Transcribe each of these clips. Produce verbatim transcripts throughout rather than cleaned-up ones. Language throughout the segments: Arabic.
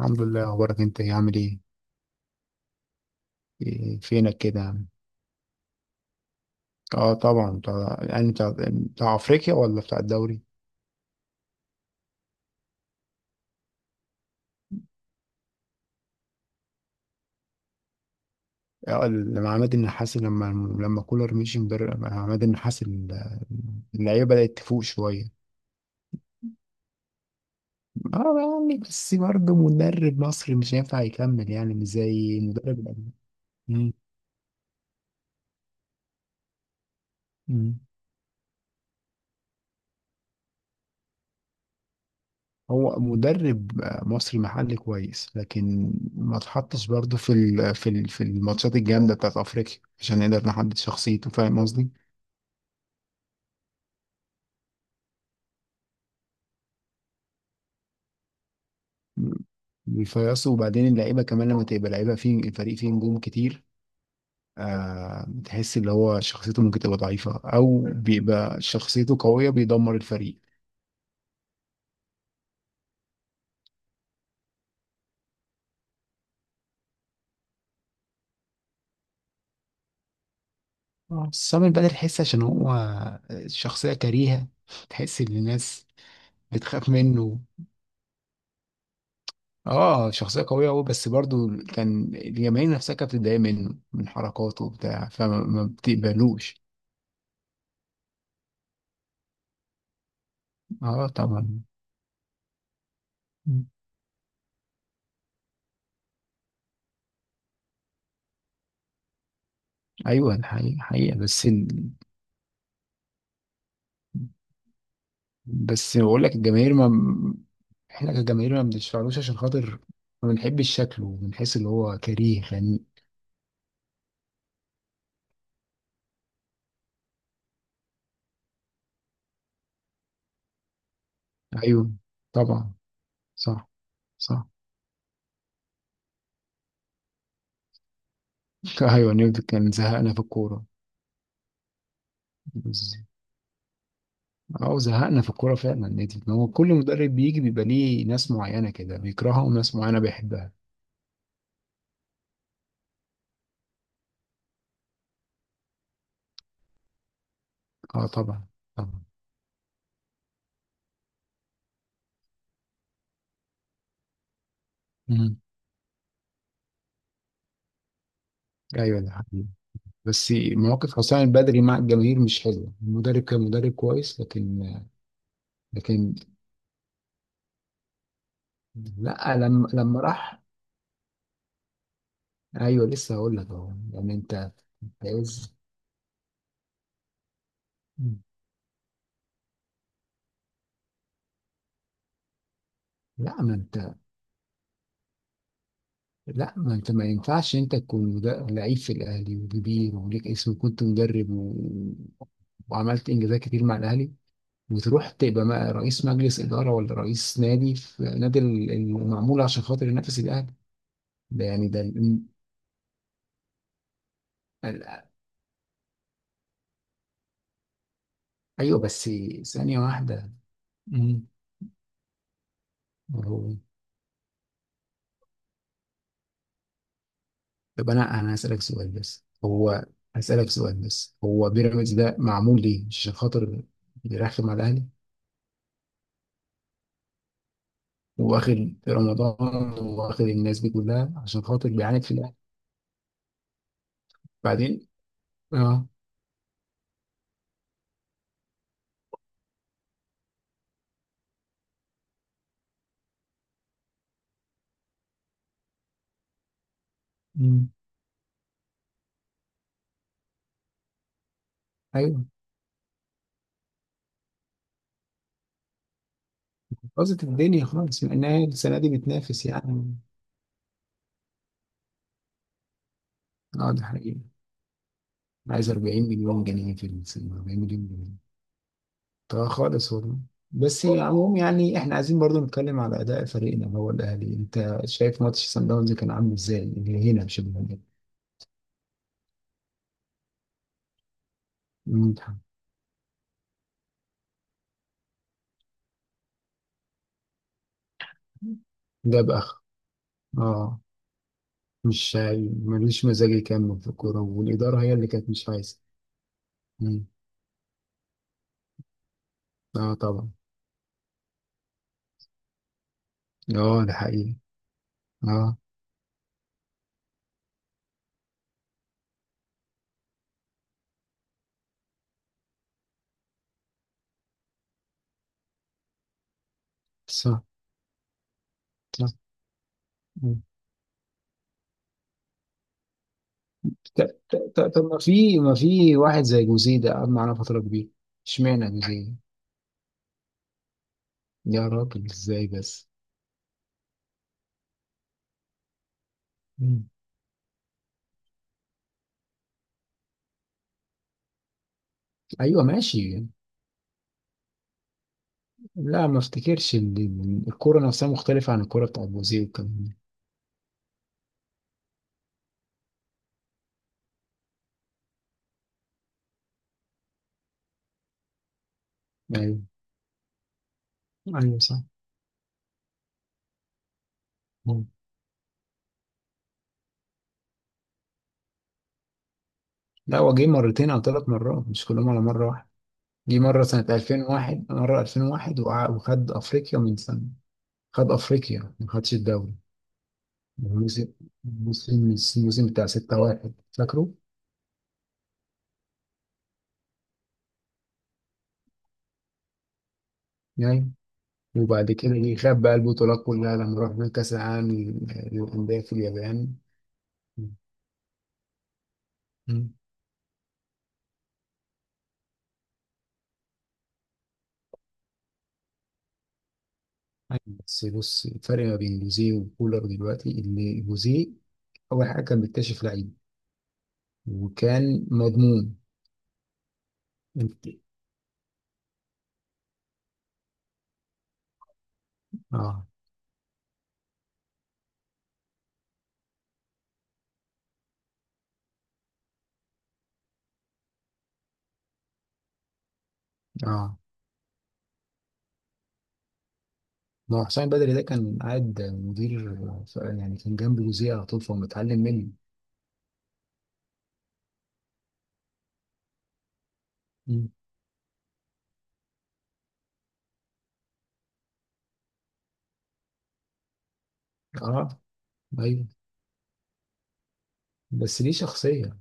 الحمد لله. اخبارك انت إيه؟ عامل ايه؟ إيه، فينك كده؟ اه، طبعا طبعا. يعني بتاع بتاع افريقيا ولا بتاع الدوري؟ آه، لما عماد النحاس، لما لما كولر مشي مدرب، لما عماد النحاس ال- اللعيبه بدات تفوق شويه. اه يعني، بس برضه مدرب مصري مش هينفع يكمل، يعني مش زي مدرب الأجنبي. مم. مم. هو مدرب آه، مصري محلي كويس، لكن ما اتحطش برضه في ال- في ال- في الماتشات الجامده بتاعت افريقيا عشان نقدر نحدد شخصيته. فاهم قصدي؟ بيفيصوا، وبعدين اللعيبه كمان لما تبقى لعيبه فيه، الفريق فيه نجوم كتير. آه، بتحس اللي هو شخصيته ممكن تبقى ضعيفه، او بيبقى شخصيته قويه بيدمر الفريق. اه، سامي البدر، تحس عشان هو شخصيه كريهه، تحس ان الناس بتخاف منه. اه شخصيه قويه قوي، بس برضو كان الجماهير نفسها كانت بتتضايق منه من حركاته وبتاع، فما ما بتقبلوش. اه طبعا. مم. ايوه الحقيقه حقيقه، بس بس بقول لك الجماهير ما، احنا كجماهير ما بنشفعلوش عشان خاطر ما بنحبش شكله، بنحس اللي هو كريه يعني. ايوه. طبعا. صح. صح. ايوه، نيوتن كان زهقنا في الكوره. بس- اه زهقنا في الكوره فعلا. نيوتن، هو كل مدرب بيجي بيبقى ليه ناس معينه كده بيكرهها وناس معينه بيحبها. اه طبعا. طبعا. مم. ايوه ده حقيقي، بس مواقف حسام البدري مع الجماهير مش حلوه. المدرب كان مدرب كويس، لكن، لكن، لا لما لما راح. ايوه لسه هقول لك اهو، يعني انت عايز. لا ما انت لا ما انت ما ينفعش انت تكون مد- لعيب في الاهلي وكبير وليك اسم، وكنت مدرب، و... وعملت انجازات كتير مع الاهلي، وتروح تبقى ما- رئيس مجلس اداره ولا رئيس نادي في نادي ال- المعمول عشان خاطر ينافس الاهلي. ده يعني ده ال- ال- ايوه بس، ثانيه واحده. مم. طب انا، انا هسألك سؤال، بس هو هسألك سؤال بس هو بيراميدز ده معمول ليه؟ عشان خاطر بيرخم على الاهلي، واخد رمضان واخد الناس دي كلها عشان خاطر بيعاند في الاهلي. بعدين اه. مم. ايوه، باظت الدنيا خالص مع انها السنه دي بتنافس يعني. اه ده حقيقي، عايز أربعين مليون جنيه في السنه، أربعين مليون جنيه، طبعا خالص والله. بس عموم، يعني احنا عايزين برضو نتكلم على اداء فريقنا اللي هو الاهلي. انت شايف ماتش سان داونز كان عامل ازاي؟ اللي هنا مش اللي هنا. مم. جاب اخ. اه مش هي- ملوش مزاج يكمل في الكورة، والإدارة هي اللي كانت مش عايزة. مم. اه طبعا. اه ده حقيقي. اه. صح. صح. مم. ط- ط- ط- طب ما في، ما في واحد زي جوزيه ده قعد معانا فترة كبيرة، اشمعنى جوزيه؟ يا راجل، ازاي بس؟ مم. ايوه ماشي. لا، ما افتكرش ان إن الكورة نفسها مختلفة عن الكورة بتاعت جوزيه والكلام ده. ايوه. ايوه. صح. مم. لا هو جه مرتين او ثلاث مرات، مش كلهم على مرة واحدة. جه مرة سنة ألفين وواحد، مرة ألفين وواحد، وع- وخد أفريقيا من سنة، خد أفريقيا ما خدش الدوري. الموسم الموسم الموسم بتاع ستة واحد، فاكره؟ يعني وبعد كده جه خد بقى البطولات كلها لما راح بيه كأس العالم لل- للأندية في اليابان. مم. بس بص، الفرق ما بين جوزيه وكولر دلوقتي، إن جوزيه أول حاجة كان بيكتشف لعيب، وكان مضمون. انت اه. اه، هو حسام بدري ده كان قاعد مدير، ف- يعني كان جنب جوزيه على طول، فهو متعلم مني. مم. اه. ايوه. بس ليه شخصية.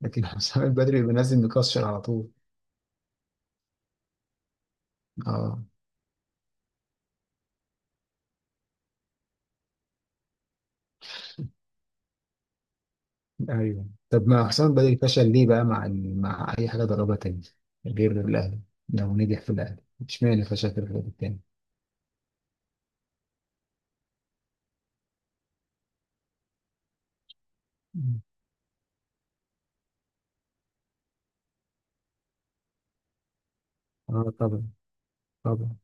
لكن حسام البدري بينزل مكشر على طول. اه. ايوه. طب ما حسام البدري فشل ليه بقى مع ال... مع اي حاجة دربها تاني غير الاهلي؟ لو نجح في الاهلي، اشمعنى فشل في الفريق التاني؟ مم. اه طبعا. طبعا.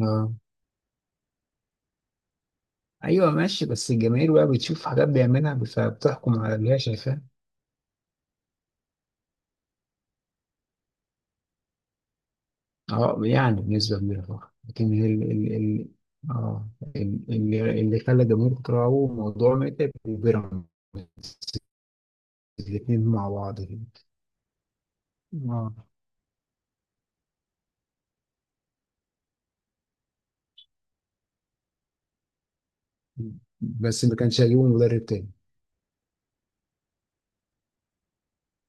اه. ايوه ماشي، بس الجماهير بقى بتشوف حاجات بيعملها فبتحكم على اللي هي شايفاها. اه يعني بنسبة كبيرة طبعا، لكن هي ال ال ال اه ال- اللي اللي خلى الجمهور يكرهه موضوع متعب وبيراميدز، الاثنين مع بعض كده. اه بس ما كانش هيجيبوا مدرب تاني.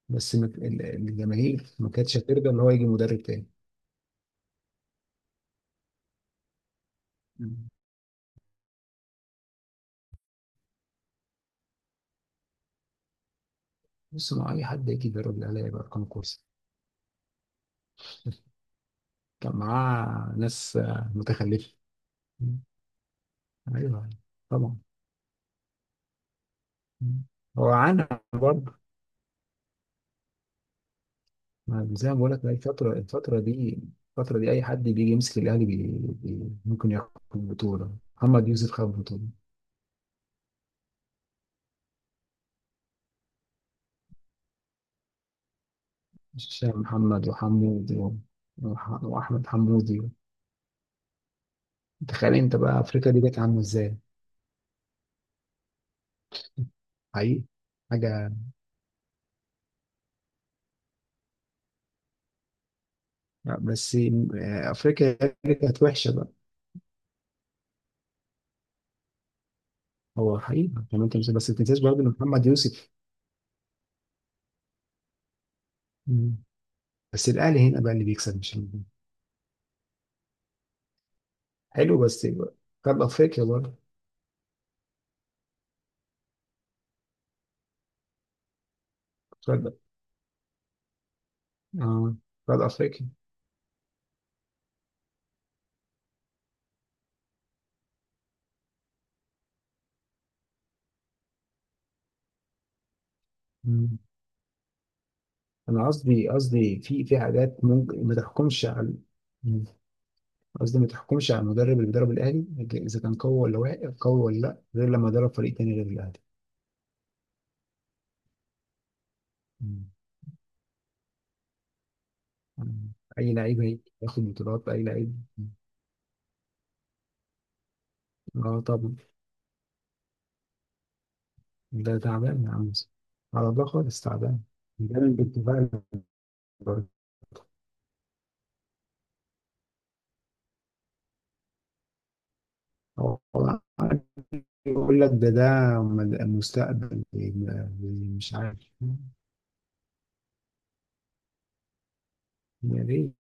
بس ما- ال- الجماهير ما كانتش هترضى ان هو يجي مدرب تاني. مم. بص، مع اي حد يجي يدرب الاهلي هيبقى ارقام كويسه. كان معاه ناس آه، متخلفه. مم. ايوه طبعا. مم. هو عانى برضه. ما- زي ما بقول لك بقى، الفترة الفترة دي الفترة دي أي حد بيجي يمسك الأهلي بي بي ممكن ياخد بطولة. محمد يوسف خد بطولة. هشام محمد وحمودي و- وح- وأحمد حمودي. تخيل أنت بقى أفريقيا دي جت عاملة إزاي. حقيقي. حاجة، بس آه، أفريقيا دي كانت وحشة بقى. هو حقيقي، يعني أنت مش بس ما تنساش برضه إن محمد يوسف. مم. بس الأهلي هنا بقى اللي بيكسب، مش الهجوم. حلو، بس خد أفريقيا برضه. خد. آه. خد أفريقيا. انا قصدي، قصدي في في حاجات ممكن ما تحكمش على، مم، قصدي ما تحكمش على المدرب اللي بيدرب الاهلي اذا كان قوي ولا واقع، قوي ولا لا، غير لما يدرب فريق تاني غير الاهلي. مم. مم. اي لعيب هي- ياخد بطولات، اي لعيب. مم. اه طبعا. ده تعبان يا عم. على الله خالص، تعبان. جامد بالتفاعل. هو هو عارف، يقول لك ده ده مد- المستقبل. مش عارف. يعني ليه؟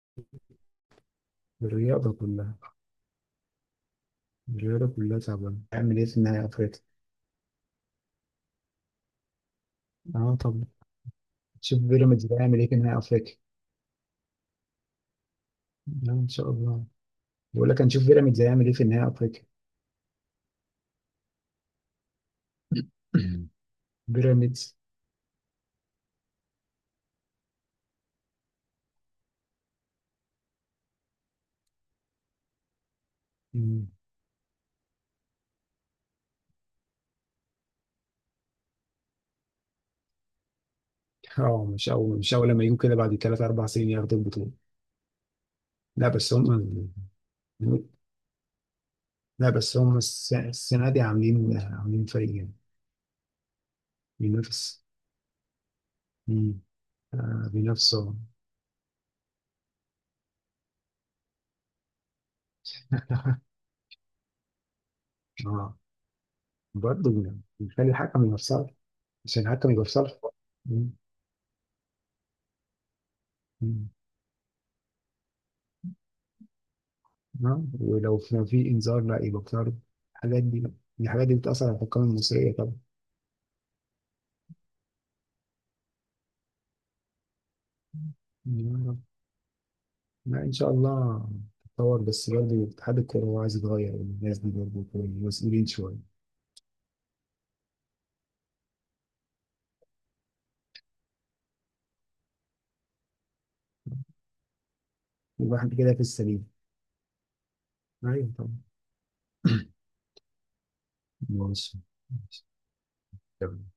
الرياضة كلها، الرياضة كلها تعبانة. تعمل ايه في نهاية أفريقيا. اه طب نشوف بيراميدز ده هيعمل ايه في نهائي افريقيا. لا ان شاء الله، بقول لك هنشوف بيراميدز هيعمل ايه في نهائي افريقيا. بيراميدز. مم. اه مش اول، مش اول لما يجوا كده بعد ثلاث اربع سنين ياخدوا البطوله. لا بس هم. لا بس هم الس- السنه دي عاملين، عاملين فريق جامد بينافس. مم. آه بينافسوا. اه برضه بيخلي الحكم يبقى في صالح، عشان الحكم يبقى في صالح. ها، ولو كان في انذار لا يبقى بتعرض. الحاجات دي، الحاجات دي بتأثر على الحكام المصرية طبعا. يا رب. لا إن شاء الله تتطور، بس برضه اتحاد الكورة هو عايز يتغير، الناس دي برضه مسؤولين شوية. يبقى حد كده في السليم. أيوة طبعا. ماشي. ماشي. تمام.